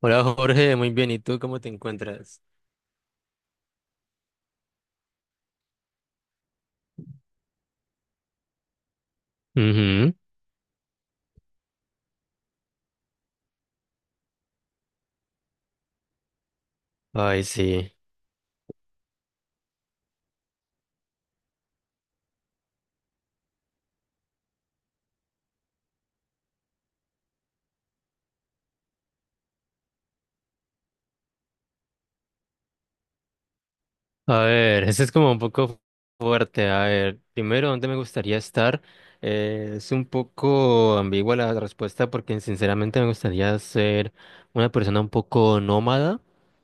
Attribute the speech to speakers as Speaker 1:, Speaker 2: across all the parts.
Speaker 1: Hola Jorge, muy bien. ¿Y tú cómo te encuentras? Ujú. Ay, sí. A ver, ese es como un poco fuerte. A ver, primero, ¿dónde me gustaría estar? Es un poco ambigua la respuesta porque sinceramente me gustaría ser una persona un poco nómada.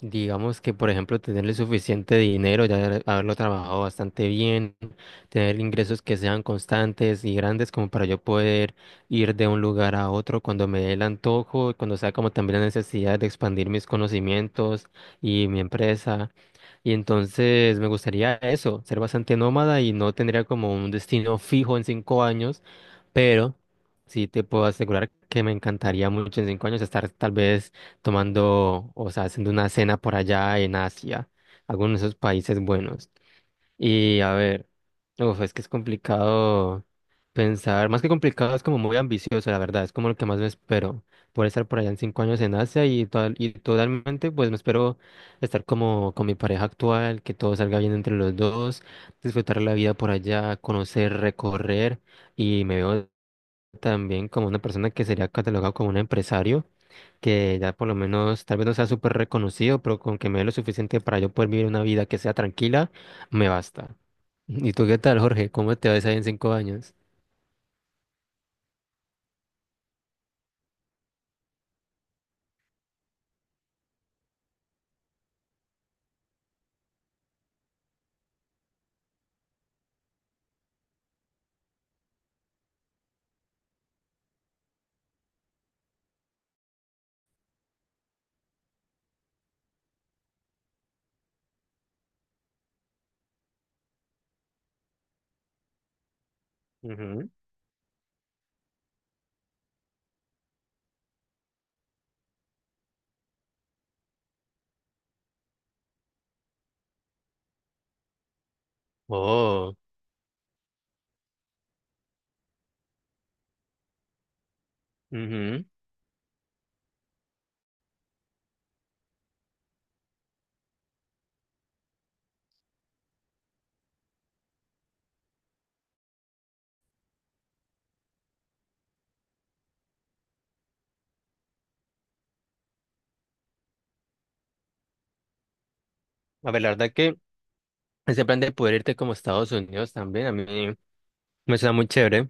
Speaker 1: Digamos que, por ejemplo, tenerle suficiente dinero, ya haberlo trabajado bastante bien, tener ingresos que sean constantes y grandes como para yo poder ir de un lugar a otro cuando me dé el antojo, cuando sea como también la necesidad de expandir mis conocimientos y mi empresa. Y entonces me gustaría eso, ser bastante nómada y no tendría como un destino fijo en 5 años, pero sí te puedo asegurar que me encantaría mucho en 5 años estar tal vez tomando, o sea, haciendo una cena por allá en Asia, algunos de esos países buenos. Y a ver, uf, es que es complicado pensar, más que complicado, es como muy ambicioso, la verdad, es como lo que más me espero, poder estar por allá en 5 años en Asia y totalmente, pues me espero estar como con mi pareja actual, que todo salga bien entre los dos, disfrutar la vida por allá, conocer, recorrer, y me veo también como una persona que sería catalogado como un empresario que ya por lo menos, tal vez no sea súper reconocido, pero con que me dé lo suficiente para yo poder vivir una vida que sea tranquila, me basta. ¿Y tú qué tal, Jorge? ¿Cómo te ves ahí en 5 años? Ujú. Oh, ujú. A ver, la verdad que ese plan de poder irte como a Estados Unidos también, a mí me suena muy chévere.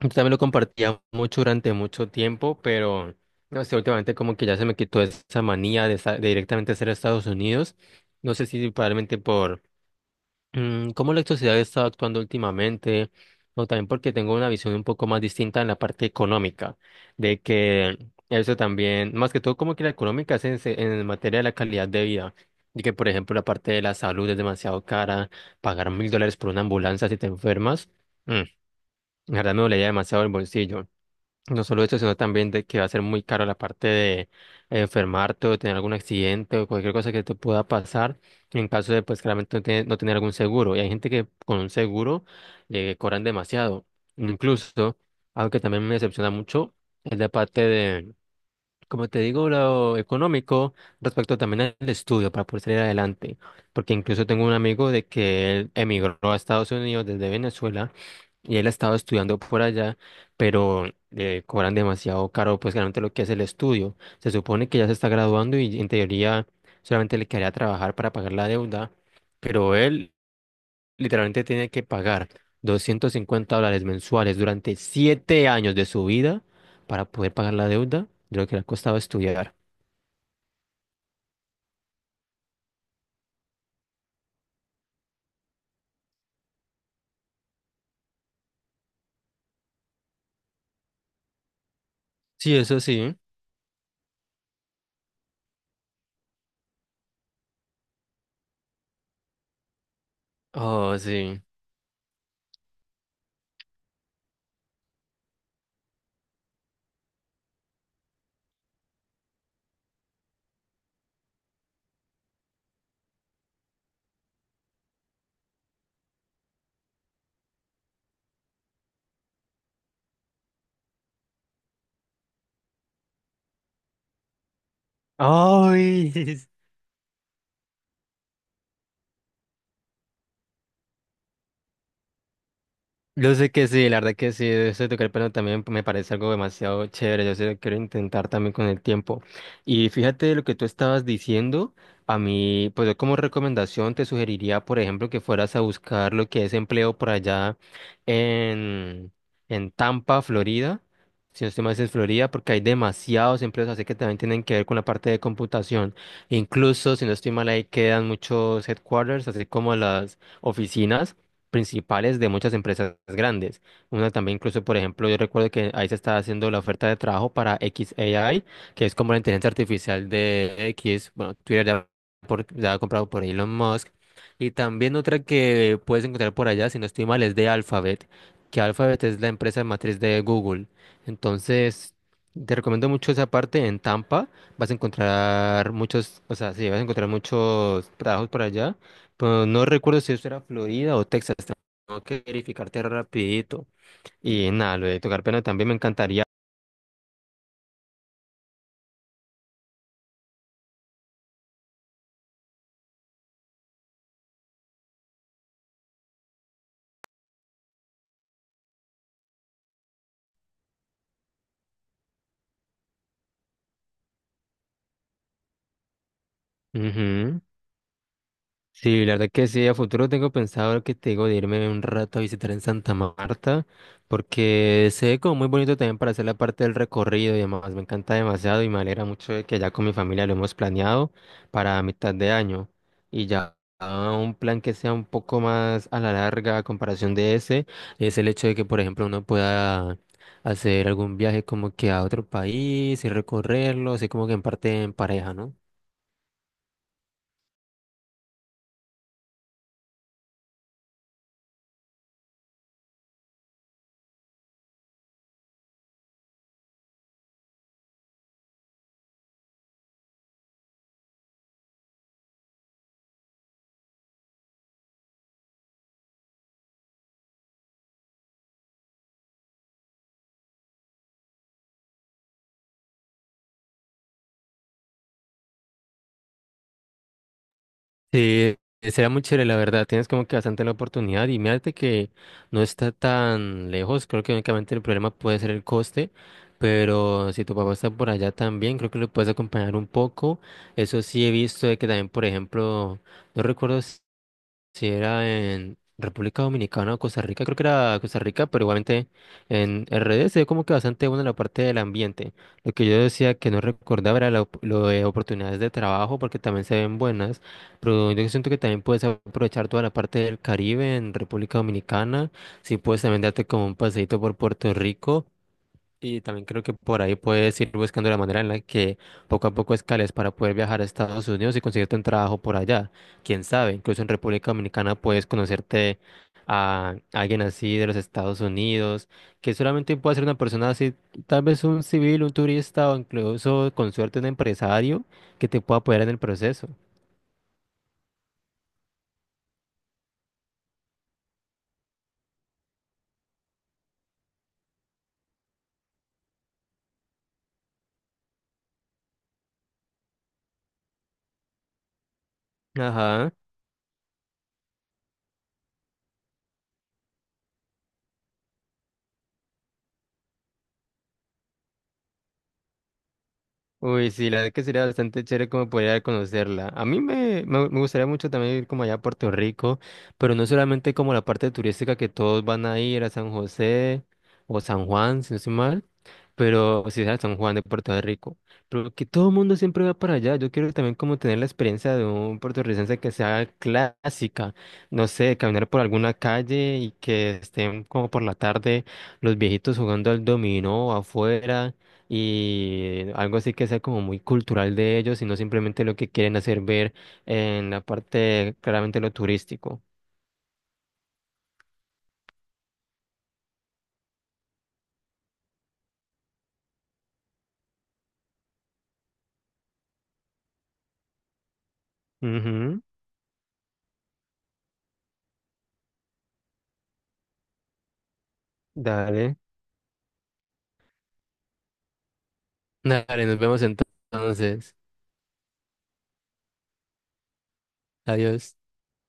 Speaker 1: Yo también lo compartía mucho durante mucho tiempo, pero no sé, últimamente como que ya se me quitó esa manía de directamente ser a Estados Unidos. No sé si probablemente por cómo la sociedad está actuando últimamente, o también porque tengo una visión un poco más distinta en la parte económica, de que eso también, más que todo como que la económica es en materia de la calidad de vida, y que por ejemplo la parte de la salud es demasiado cara, pagar $1000 por una ambulancia si te enfermas, mm, la verdad me dolería demasiado el bolsillo. No solo eso, sino también de que va a ser muy caro la parte de enfermarte o tener algún accidente o cualquier cosa que te pueda pasar en caso de, pues, claramente no tener algún seguro. Y hay gente que con un seguro le cobran demasiado. Incluso, algo que también me decepciona mucho es la parte como te digo, lo económico respecto también al estudio para poder salir adelante, porque incluso tengo un amigo de que él emigró a Estados Unidos desde Venezuela y él ha estado estudiando por allá, pero cobran demasiado caro, pues realmente lo que es el estudio. Se supone que ya se está graduando y en teoría solamente le quedaría trabajar para pagar la deuda, pero él literalmente tiene que pagar $250 mensuales durante 7 años de su vida para poder pagar la deuda de lo que le ha costado estudiar. Sí, eso sí. Oh, sí. Ay, Yo sé que sí, la verdad que sí, eso de tocar el piano también me parece algo demasiado chévere, yo sé que quiero intentar también con el tiempo. Y fíjate lo que tú estabas diciendo, a mí, pues yo como recomendación te sugeriría, por ejemplo, que fueras a buscar lo que es empleo por allá en, en Tampa, Florida, si no estoy mal es en Florida, porque hay demasiados empleos, así que también tienen que ver con la parte de computación. Incluso, si no estoy mal, ahí quedan muchos headquarters, así como las oficinas principales de muchas empresas grandes. Una también incluso, por ejemplo, yo recuerdo que ahí se está haciendo la oferta de trabajo para XAI, que es como la inteligencia artificial de X, bueno, Twitter ya, ya ha comprado por Elon Musk. Y también otra que puedes encontrar por allá, si no estoy mal, es de Alphabet, que Alphabet es la empresa matriz de Google. Entonces, te recomiendo mucho esa parte en Tampa. Vas a encontrar muchos, o sea, sí, vas a encontrar muchos trabajos por allá. Pero no recuerdo si eso era Florida o Texas. Tengo que verificarte rapidito. Y nada, lo de tocar piano también me encantaría. Ujú. Sí, la verdad que sí, a futuro tengo pensado lo que te digo de irme un rato a visitar en Santa Marta, porque se ve como muy bonito también para hacer la parte del recorrido y demás. Me encanta demasiado y me alegra mucho de que ya con mi familia lo hemos planeado para mitad de año. Y ya ah, un plan que sea un poco más a la larga a comparación de ese, es el hecho de que, por ejemplo, uno pueda hacer algún viaje como que a otro país y recorrerlo, así como que en parte en pareja, ¿no? Sí, sería muy chévere, la verdad. Tienes como que bastante la oportunidad y mírate que no está tan lejos. Creo que únicamente el problema puede ser el coste, pero si tu papá está por allá también, creo que lo puedes acompañar un poco. Eso sí he visto de que también, por ejemplo, no recuerdo. Sí, era en República Dominicana o Costa Rica, creo que era Costa Rica, pero igualmente en RD se ve como que bastante buena la parte del ambiente. Lo que yo decía que no recordaba era lo de oportunidades de trabajo, porque también se ven buenas, pero yo siento que también puedes aprovechar toda la parte del Caribe en República Dominicana, si puedes también darte como un paseíto por Puerto Rico y también creo que por ahí puedes ir buscando la manera en la que poco a poco escales para poder viajar a Estados Unidos y conseguirte un trabajo por allá. Quién sabe, incluso en República Dominicana puedes conocerte a alguien así de los Estados Unidos, que solamente puede ser una persona así, tal vez un civil, un turista o incluso con suerte un empresario que te pueda apoyar en el proceso. Ajá. Uy, sí, la verdad que sería bastante chévere como poder conocerla. A mí me gustaría mucho también ir como allá a Puerto Rico, pero no solamente como la parte turística que todos van a ir a San José o San Juan, si no estoy mal, pero o si sea San Juan de Puerto Rico. Pero que todo el mundo siempre va para allá. Yo quiero también como tener la experiencia de un puertorricense que sea clásica, no sé, caminar por alguna calle y que estén como por la tarde los viejitos jugando al dominó afuera y algo así que sea como muy cultural de ellos y no simplemente lo que quieren hacer ver en la parte claramente lo turístico. Ujú, dale, dale, nos vemos entonces. Adiós.